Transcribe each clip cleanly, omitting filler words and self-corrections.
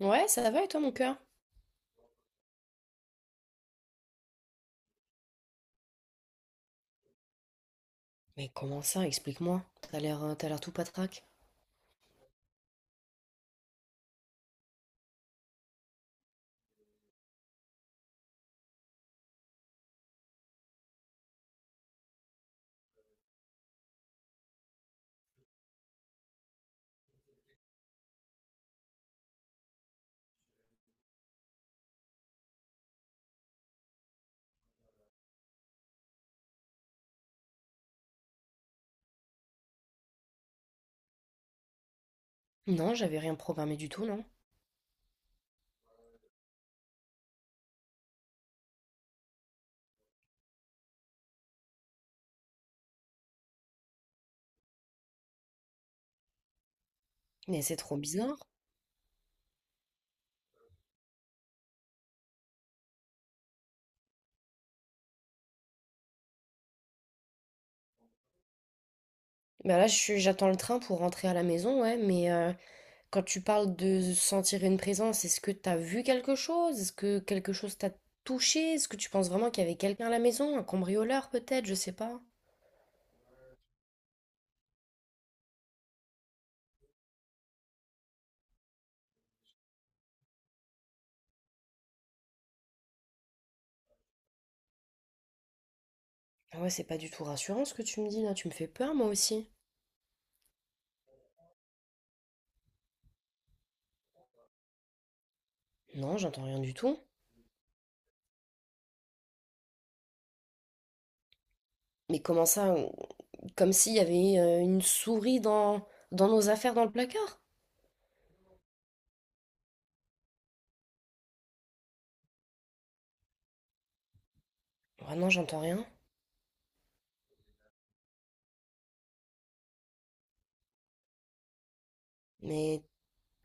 Ouais, ça va et toi, mon cœur? Mais comment ça? Explique-moi. T'as l'air tout patraque. Non, j'avais rien programmé du tout, non. Mais c'est trop bizarre. Bah là, je suis, j'attends le train pour rentrer à la maison, ouais. Mais quand tu parles de sentir une présence, est-ce que t'as vu quelque chose? Est-ce que quelque chose t'a touché? Est-ce que tu penses vraiment qu'il y avait quelqu'un à la maison? Un cambrioleur peut-être? Je sais pas. Ah ouais, c'est pas du tout rassurant ce que tu me dis là. Tu me fais peur, moi aussi. Non, j'entends rien du tout. Mais comment ça? Comme s'il y avait une souris dans nos affaires dans le placard. Ah non, j'entends rien. Mais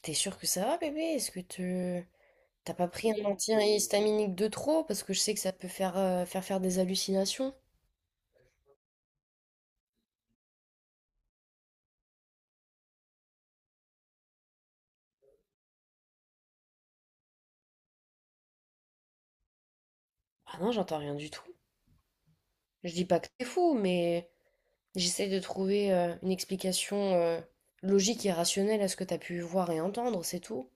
t'es sûr que ça va, bébé? Est-ce que tu... T'as pas pris un antihistaminique de trop? Parce que je sais que ça peut faire, faire des hallucinations. Ah non, j'entends rien du tout. Je dis pas que t'es fou, mais j'essaie de trouver une explication logique et rationnelle à ce que t'as pu voir et entendre, c'est tout.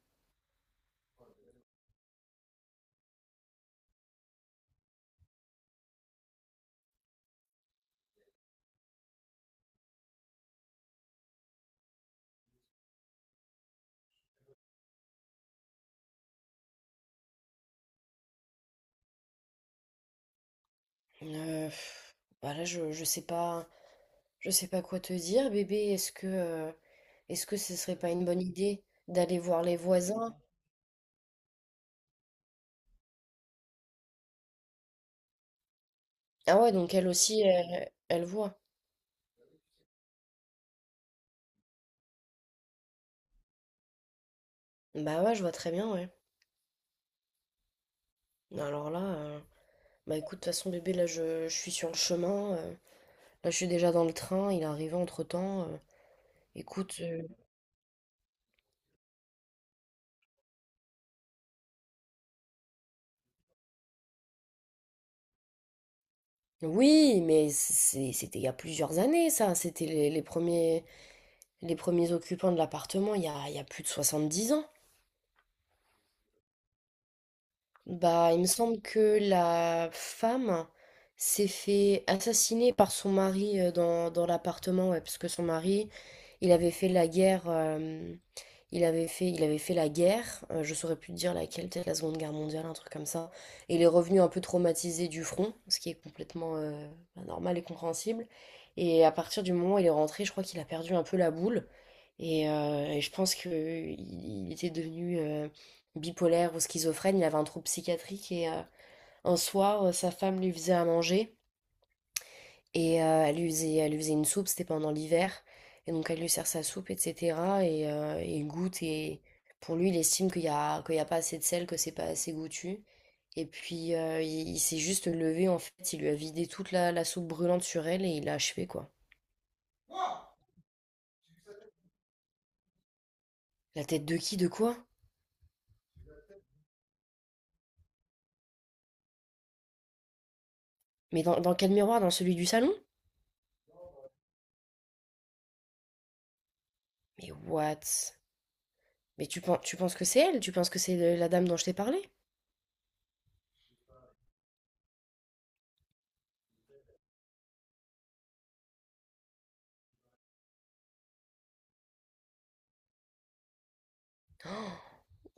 Euh, pff, bah là, je sais pas quoi te dire, bébé. Est-ce que... est-ce que ce serait pas une bonne idée d'aller voir les voisins? Ah ouais, donc elle aussi, elle voit. Bah ouais, je vois très bien, ouais. Alors là, bah écoute, de toute façon, bébé, là, je suis sur le chemin. Là, je suis déjà dans le train, il est arrivé entre-temps. Écoute, oui, mais c'était il y a plusieurs années, ça. C'était les premiers occupants de l'appartement, il y a plus de 70 ans. Bah, il me semble que la femme s'est fait assassiner par son mari dans, dans l'appartement, ouais, parce que son mari, il avait fait la guerre, il avait fait la guerre, je saurais plus te dire laquelle, peut-être la Seconde Guerre mondiale, un truc comme ça, et il est revenu un peu traumatisé du front, ce qui est complètement bah, normal et compréhensible, et à partir du moment où il est rentré, je crois qu'il a perdu un peu la boule, et je pense qu'il était devenu bipolaire ou schizophrène, il avait un trouble psychiatrique et un soir, sa femme lui faisait à manger et elle lui faisait une soupe, c'était pendant l'hiver. Et donc elle lui sert sa soupe, etc. Et il goûte et pour lui, il estime qu'il y a pas assez de sel, que c'est pas assez goûtu. Et puis il s'est juste levé en fait, il lui a vidé toute la soupe brûlante sur elle et il l'a achevé quoi. La tête de qui, de quoi? Mais dans quel miroir? Dans celui du salon? Mais what? Mais tu penses que c'est elle? Tu penses que c'est la dame dont je t'ai parlé?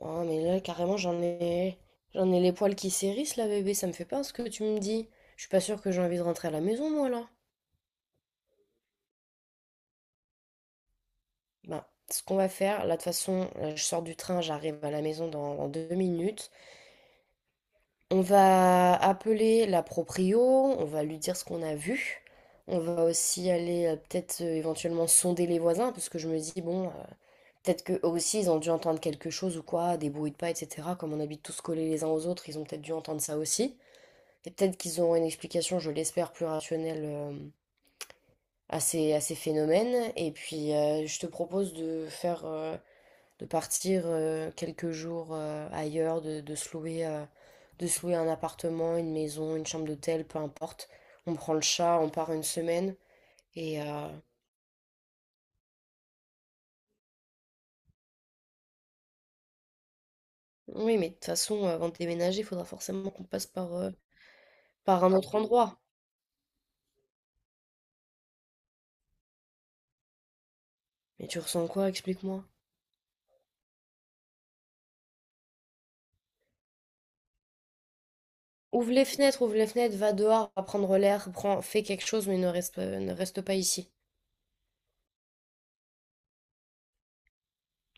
Ah, mais là, carrément, j'en ai... J'en ai les poils qui s'hérissent, là, bébé. Ça me fait peur ce que tu me dis. Je suis pas sûre que j'ai envie de rentrer à la maison, moi, là. Bah, ce qu'on va faire, là, de toute façon, là, je sors du train, j'arrive à la maison dans deux minutes. On va appeler la proprio, on va lui dire ce qu'on a vu. On va aussi aller peut-être éventuellement sonder les voisins, parce que je me dis, bon, peut-être qu'eux aussi, ils ont dû entendre quelque chose ou quoi, des bruits de pas, etc. Comme on habite tous collés les uns aux autres, ils ont peut-être dû entendre ça aussi. Et peut-être qu'ils auront une explication, je l'espère, plus rationnelle à ces phénomènes. Et puis, je te propose de faire, de partir quelques jours ailleurs, de se louer un appartement, une maison, une chambre d'hôtel, peu importe. On prend le chat, on part une semaine. Et oui, mais de toute façon, avant de déménager, il faudra forcément qu'on passe par, par un autre endroit. Mais tu ressens quoi? Explique-moi. Ouvre les fenêtres, va dehors, va prendre l'air, prends, fais quelque chose, mais ne reste, ne reste pas ici.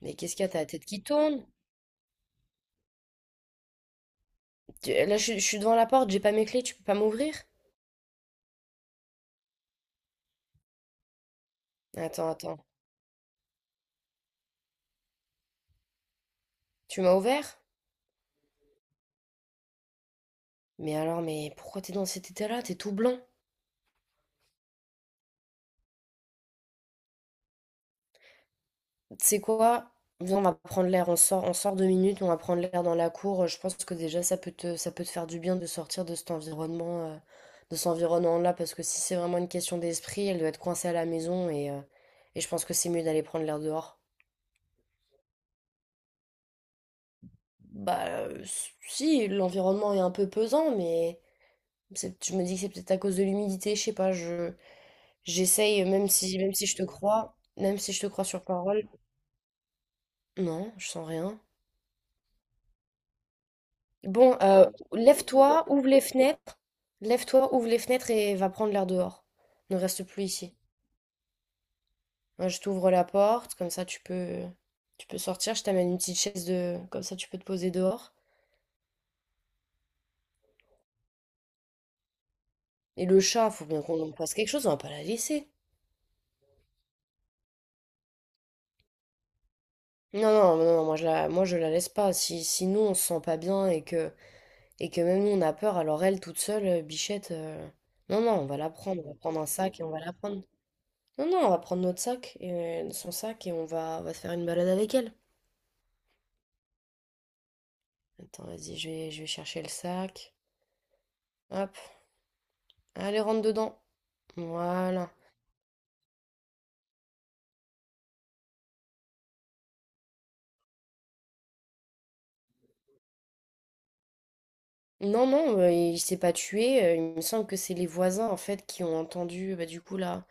Mais qu'est-ce qu'il y a? T'as la tête qui tourne? Là, je suis devant la porte, j'ai pas mes clés, tu peux pas m'ouvrir? Attends, attends. Tu m'as ouvert? Mais alors, mais pourquoi t'es dans cet état-là? T'es tout blanc. Tu sais quoi? Viens, on va prendre l'air, on sort deux minutes, on va prendre l'air dans la cour. Je pense que déjà, ça peut te faire du bien de sortir de cet environnement, de cet environnement-là, parce que si c'est vraiment une question d'esprit, elle doit être coincée à la maison et je pense que c'est mieux d'aller prendre l'air dehors. Bah, si, l'environnement est un peu pesant, mais. Je me dis que c'est peut-être à cause de l'humidité, je sais pas, je j'essaye, même si je te crois, même si je te crois sur parole, non, je sens rien. Bon, lève-toi, ouvre les fenêtres, lève-toi, ouvre les fenêtres et va prendre l'air dehors. Ne reste plus ici. Moi, je t'ouvre la porte, comme ça tu peux sortir, je t'amène une petite chaise de comme ça tu peux te poser dehors. Et le chat, faut bien qu'on en fasse quelque chose, on va pas la laisser. Non, non, non, non, moi je la laisse pas. Si, si nous on se sent pas bien et que et que même nous, on a peur, alors elle, toute seule, Bichette, non, non, on va la prendre, on va prendre un sac et on va la prendre. Non, non, on va prendre notre sac, et, son sac, et on va se faire une balade avec elle. Attends, vas-y, je vais chercher le sac. Hop, allez, rentre dedans. Voilà. Non, non, il s'est pas tué. Il me semble que c'est les voisins, en fait, qui ont entendu, bah, du coup, la,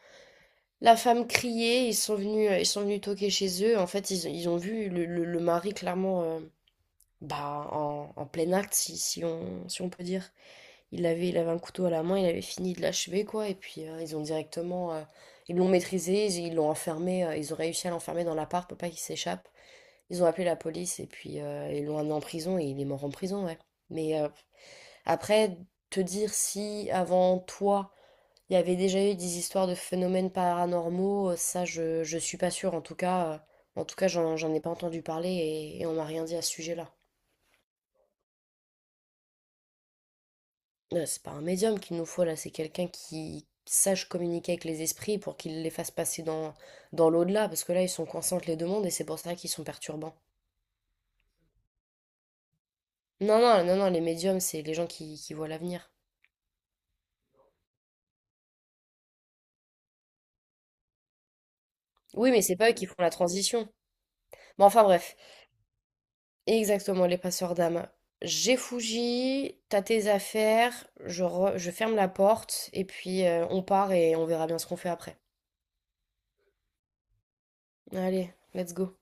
la femme crier. Ils sont venus toquer chez eux. En fait, ils ont vu le, le mari, clairement, bah, en, en plein acte, si, si on peut dire. Il avait un couteau à la main, il avait fini de l'achever, quoi. Et puis, ils ont directement. Ils l'ont maîtrisé, ils l'ont enfermé. Ils ont réussi à l'enfermer dans l'appart pour pas qu'il s'échappe. Ils ont appelé la police et puis ils l'ont amené en prison et il est mort en prison, ouais. Mais après, te dire si avant toi, il y avait déjà eu des histoires de phénomènes paranormaux, ça, je suis pas sûre. En tout cas, j'en ai pas entendu parler et on m'a rien dit à ce sujet-là. C'est pas un médium qu'il nous faut là, c'est quelqu'un qui sache communiquer avec les esprits pour qu'il les fasse passer dans, dans l'au-delà, parce que là ils sont coincés entre les deux mondes et c'est pour ça qu'ils sont perturbants. Non, non, non, non, les médiums, c'est les gens qui voient l'avenir. Oui, mais c'est pas eux qui font la transition. Bon, enfin bref, exactement, les passeurs d'âme. J'ai Fuji, t'as tes affaires, je ferme la porte et puis on part et on verra bien ce qu'on fait après. Allez, let's go.